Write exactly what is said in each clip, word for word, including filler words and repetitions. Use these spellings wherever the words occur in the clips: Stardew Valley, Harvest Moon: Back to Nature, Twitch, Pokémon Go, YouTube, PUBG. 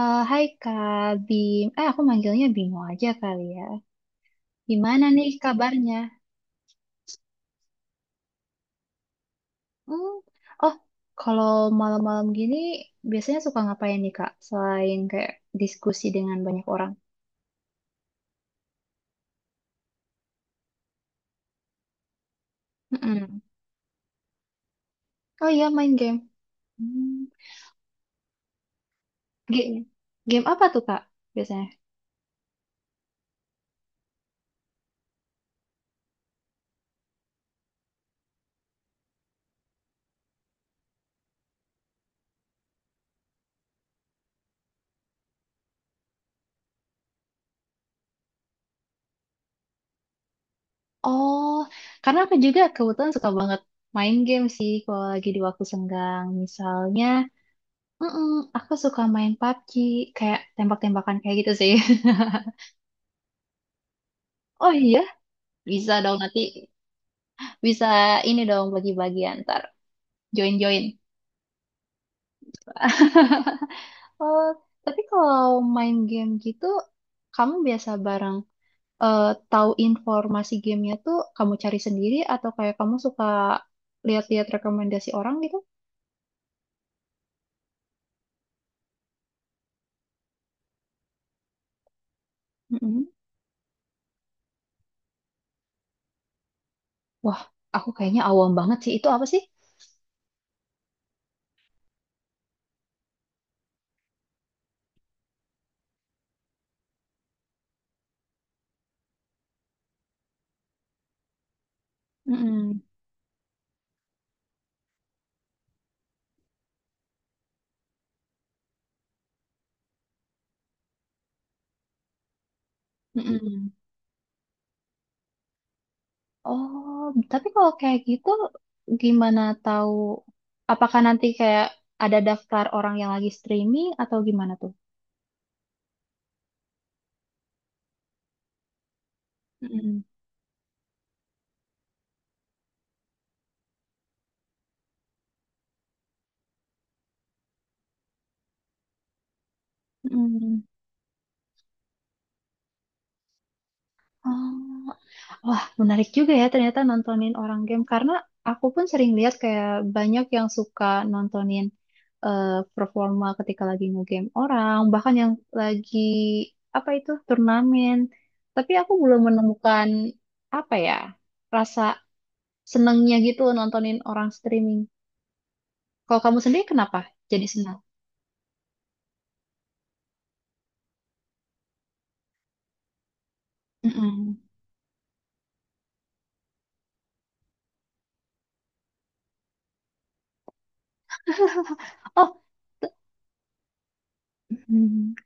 Eh, hai Kak Bim, eh aku manggilnya Bimo aja kali ya. Gimana nih kabarnya? Hmm. Oh, kalau malam-malam gini biasanya suka ngapain nih Kak? Selain kayak diskusi dengan banyak orang. Mm-mm. Oh iya main game. Hmm. Game, game apa tuh Kak biasanya? Oh, karena aku juga kebetulan suka banget main game sih kalau lagi di waktu senggang. Misalnya, mm aku suka main PUBG kayak tembak-tembakan kayak gitu sih. Oh iya, bisa dong nanti bisa ini dong bagi-bagi antar join-join. Oh, tapi kalau main game gitu, kamu biasa bareng eh, tahu informasi gamenya tuh kamu cari sendiri atau kayak kamu suka lihat-lihat rekomendasi orang gitu? Mm-mm. Wah, aku kayaknya awam banget sih. Itu apa sih? Mm-mm. Mm-mm. Oh, tapi kalau kayak gitu, gimana tahu? Apakah nanti kayak ada daftar orang yang lagi streaming atau gimana tuh? Mm-mm. Mm-mm. Oh, wah menarik juga ya ternyata nontonin orang game karena aku pun sering lihat kayak banyak yang suka nontonin eh, performa ketika lagi nge-game orang, bahkan yang lagi apa itu turnamen. Tapi aku belum menemukan apa ya rasa senengnya gitu nontonin orang streaming. Kalau kamu sendiri kenapa jadi senang? Mm-mm. Oh, t- mm.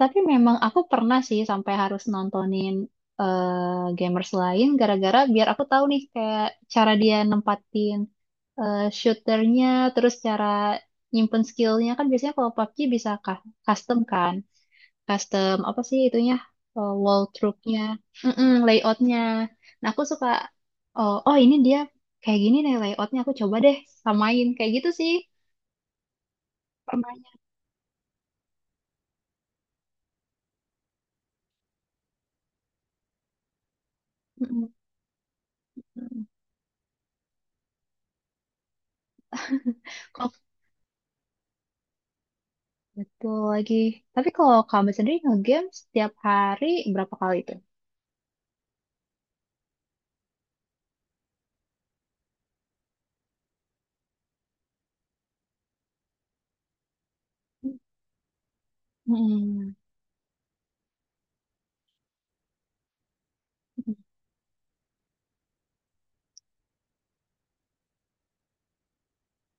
Tapi memang aku pernah sih sampai harus nontonin eh, gamers lain gara-gara biar aku tahu nih kayak cara dia nempatin eh, shooternya, terus cara nyimpen skillnya kan biasanya kalau PUBG bisa ka- custom kan, custom apa sih itunya eh, wall troopnya, mm layoutnya. Nah aku suka oh, oh ini dia kayak gini nih layoutnya aku coba deh samain kayak gitu sih pernahnya. Mm-mm. Betul lagi. Tapi kalau kamu sendiri nge-game setiap hari berapa kali itu? mm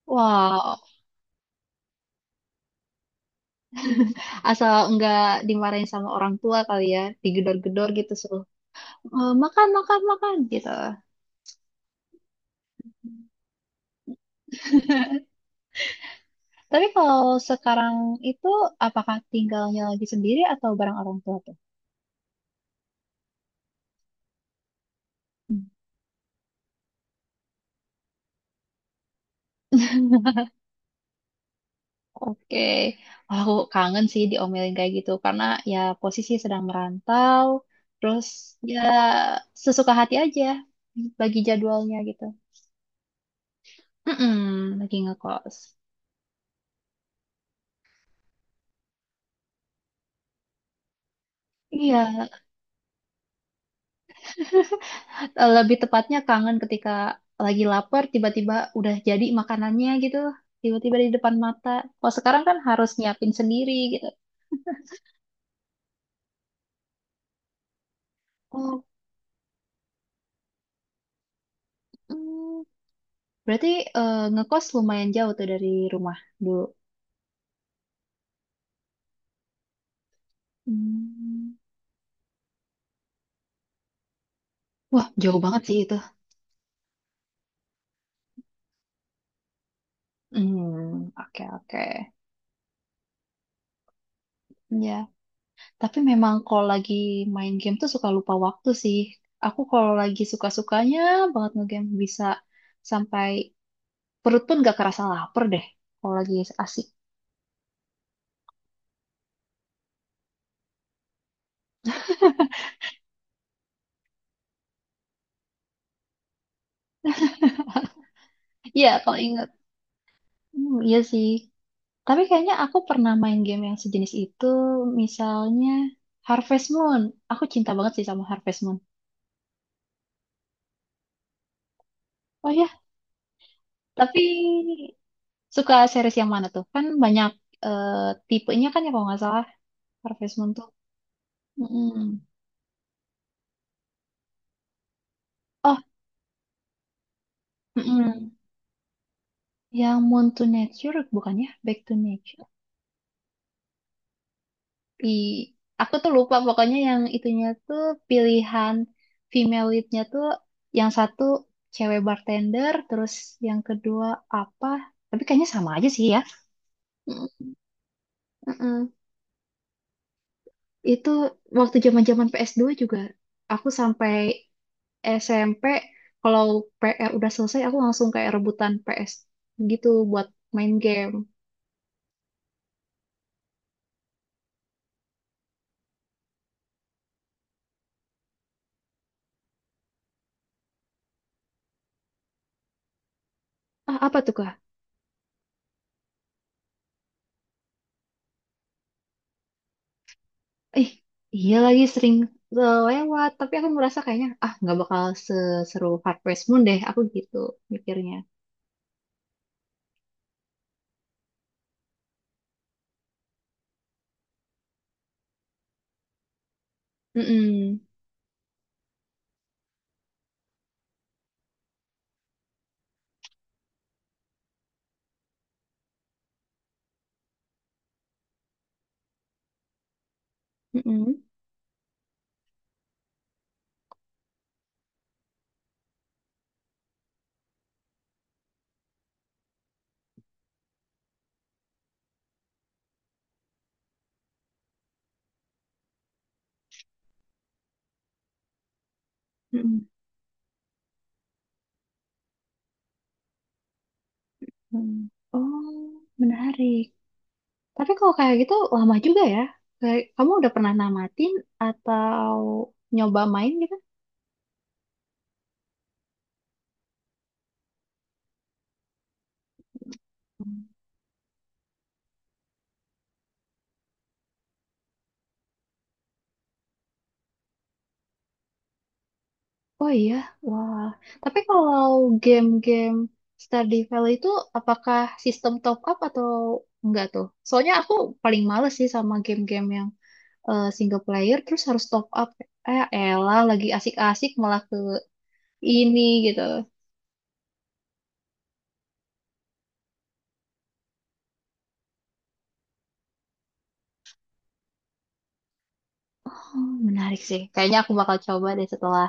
Wow, asal nggak dimarahin sama orang tua kali ya, digedor-gedor gitu suruh "Eh, makan, makan, makan gitu. Tapi kalau sekarang itu apakah tinggalnya lagi sendiri atau bareng orang tua tuh? Oke, wah, aku kangen sih diomelin kayak gitu karena ya posisi sedang merantau, terus ya sesuka hati aja bagi jadwalnya gitu. Mm-mm, lagi ngekos. Iya, eh, lebih tepatnya kangen ketika lagi lapar tiba-tiba udah jadi makanannya gitu, tiba-tiba di depan mata. Kalau sekarang kan harus nyiapin sendiri gitu. Oh, mm, berarti eh, ngekos lumayan jauh tuh dari rumah dulu. Hmm. Wah, jauh banget sih itu. Hmm, oke oke. Ya, tapi memang kalau lagi main game tuh suka lupa waktu sih. Aku kalau lagi suka-sukanya banget ngegame bisa sampai perut pun gak kerasa lapar deh kalau lagi asik. Iya, kalau inget. Hmm, iya sih. Tapi kayaknya aku pernah main game yang sejenis itu, misalnya Harvest Moon. Aku cinta banget sih sama Harvest Moon. Oh ya, tapi suka series yang mana tuh? Kan banyak eh, tipenya kan ya kalau nggak salah Harvest Moon. Mm-mm. Oh, mm-mm. Yang Moon to Nature bukannya Back to Nature. I, aku tuh lupa pokoknya yang itunya tuh pilihan female leadnya tuh yang satu cewek bartender, terus yang kedua apa? Tapi kayaknya sama aja sih ya. Mm, mm-mm. Itu waktu zaman-zaman p s dua juga aku sampai S M P, kalau P R udah selesai aku langsung kayak rebutan P S gitu buat main game. Ah, apa tuh Kak? Ih, iya lagi sering lewat, tapi aku merasa kayaknya ah nggak bakal seseru Harvest Moon deh, aku gitu mikirnya. Mm-mm. Mm-mm. Mm-mm. Mm. Oh, menarik. Tapi kalau kayak gitu lama juga ya. Kayak, kamu udah pernah namatin atau nyoba main gitu? Hmm. Oh iya, wah. Tapi kalau game-game Stardew Valley itu apakah sistem top up atau enggak tuh? Soalnya aku paling males sih sama game-game yang eh, single player terus harus top up, eh elah lagi asik-asik malah ke ini gitu. Hmm, menarik sih kayaknya aku bakal coba deh setelah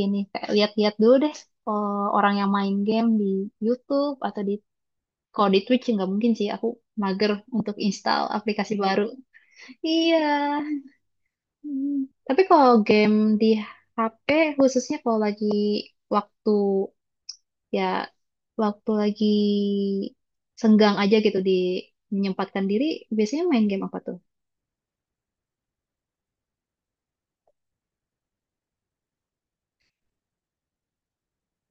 ini kayak lihat-lihat dulu deh eh, orang yang main game di YouTube atau di, kalau di Twitch nggak mungkin sih, aku mager untuk install aplikasi baru. Iya. Hmm. Tapi kalau game di H P, khususnya kalau lagi waktu, ya waktu lagi senggang aja gitu, di menyempatkan diri biasanya main game apa tuh?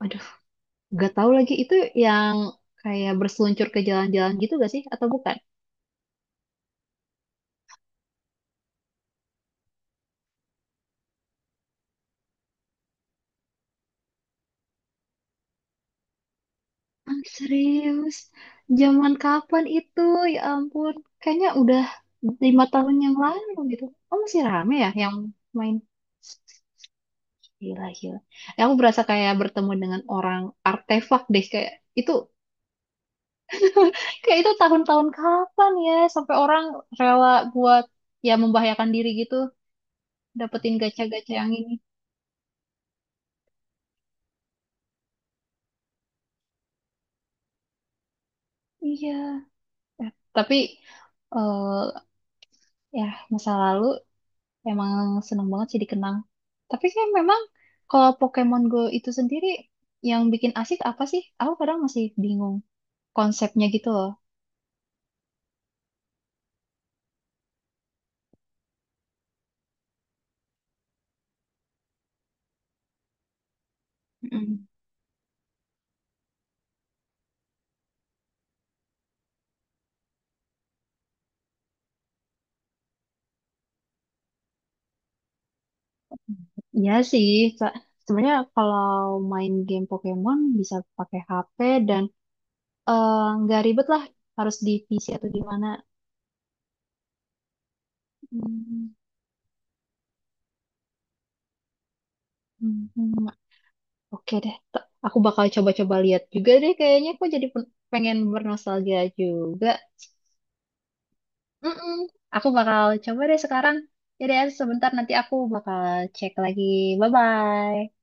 Aduh, gak tahu lagi itu yang kayak berseluncur ke jalan-jalan gitu gak sih atau bukan? Ah, serius, zaman kapan itu? Ya ampun, kayaknya udah lima tahun yang lalu gitu. Oh masih rame ya yang main? Gila, gila. Eh, aku berasa kayak bertemu dengan orang artefak deh kayak itu. Kayak itu tahun-tahun kapan ya sampai orang rela buat, ya, membahayakan diri gitu dapetin gacha-gacha yang ini. Iya. Eh, tapi eh ya masa lalu emang seneng banget sih dikenang. Tapi kayak memang kalau Pokemon Go itu sendiri yang bikin asik apa sih? Aku kadang masih bingung konsepnya gitu loh. mm Iya sih, se- sebenarnya kalau main game Pokemon bisa pakai H P dan eh, nggak ribet lah harus divisi atau gimana. Hmm, hmm, hmm. Oke deh, T- aku bakal coba-coba lihat juga deh kayaknya aku jadi pen- pengen bernostalgia juga. Mm-mm. Aku bakal coba deh sekarang. Ya deh, sebentar nanti aku bakal cek lagi. Bye-bye.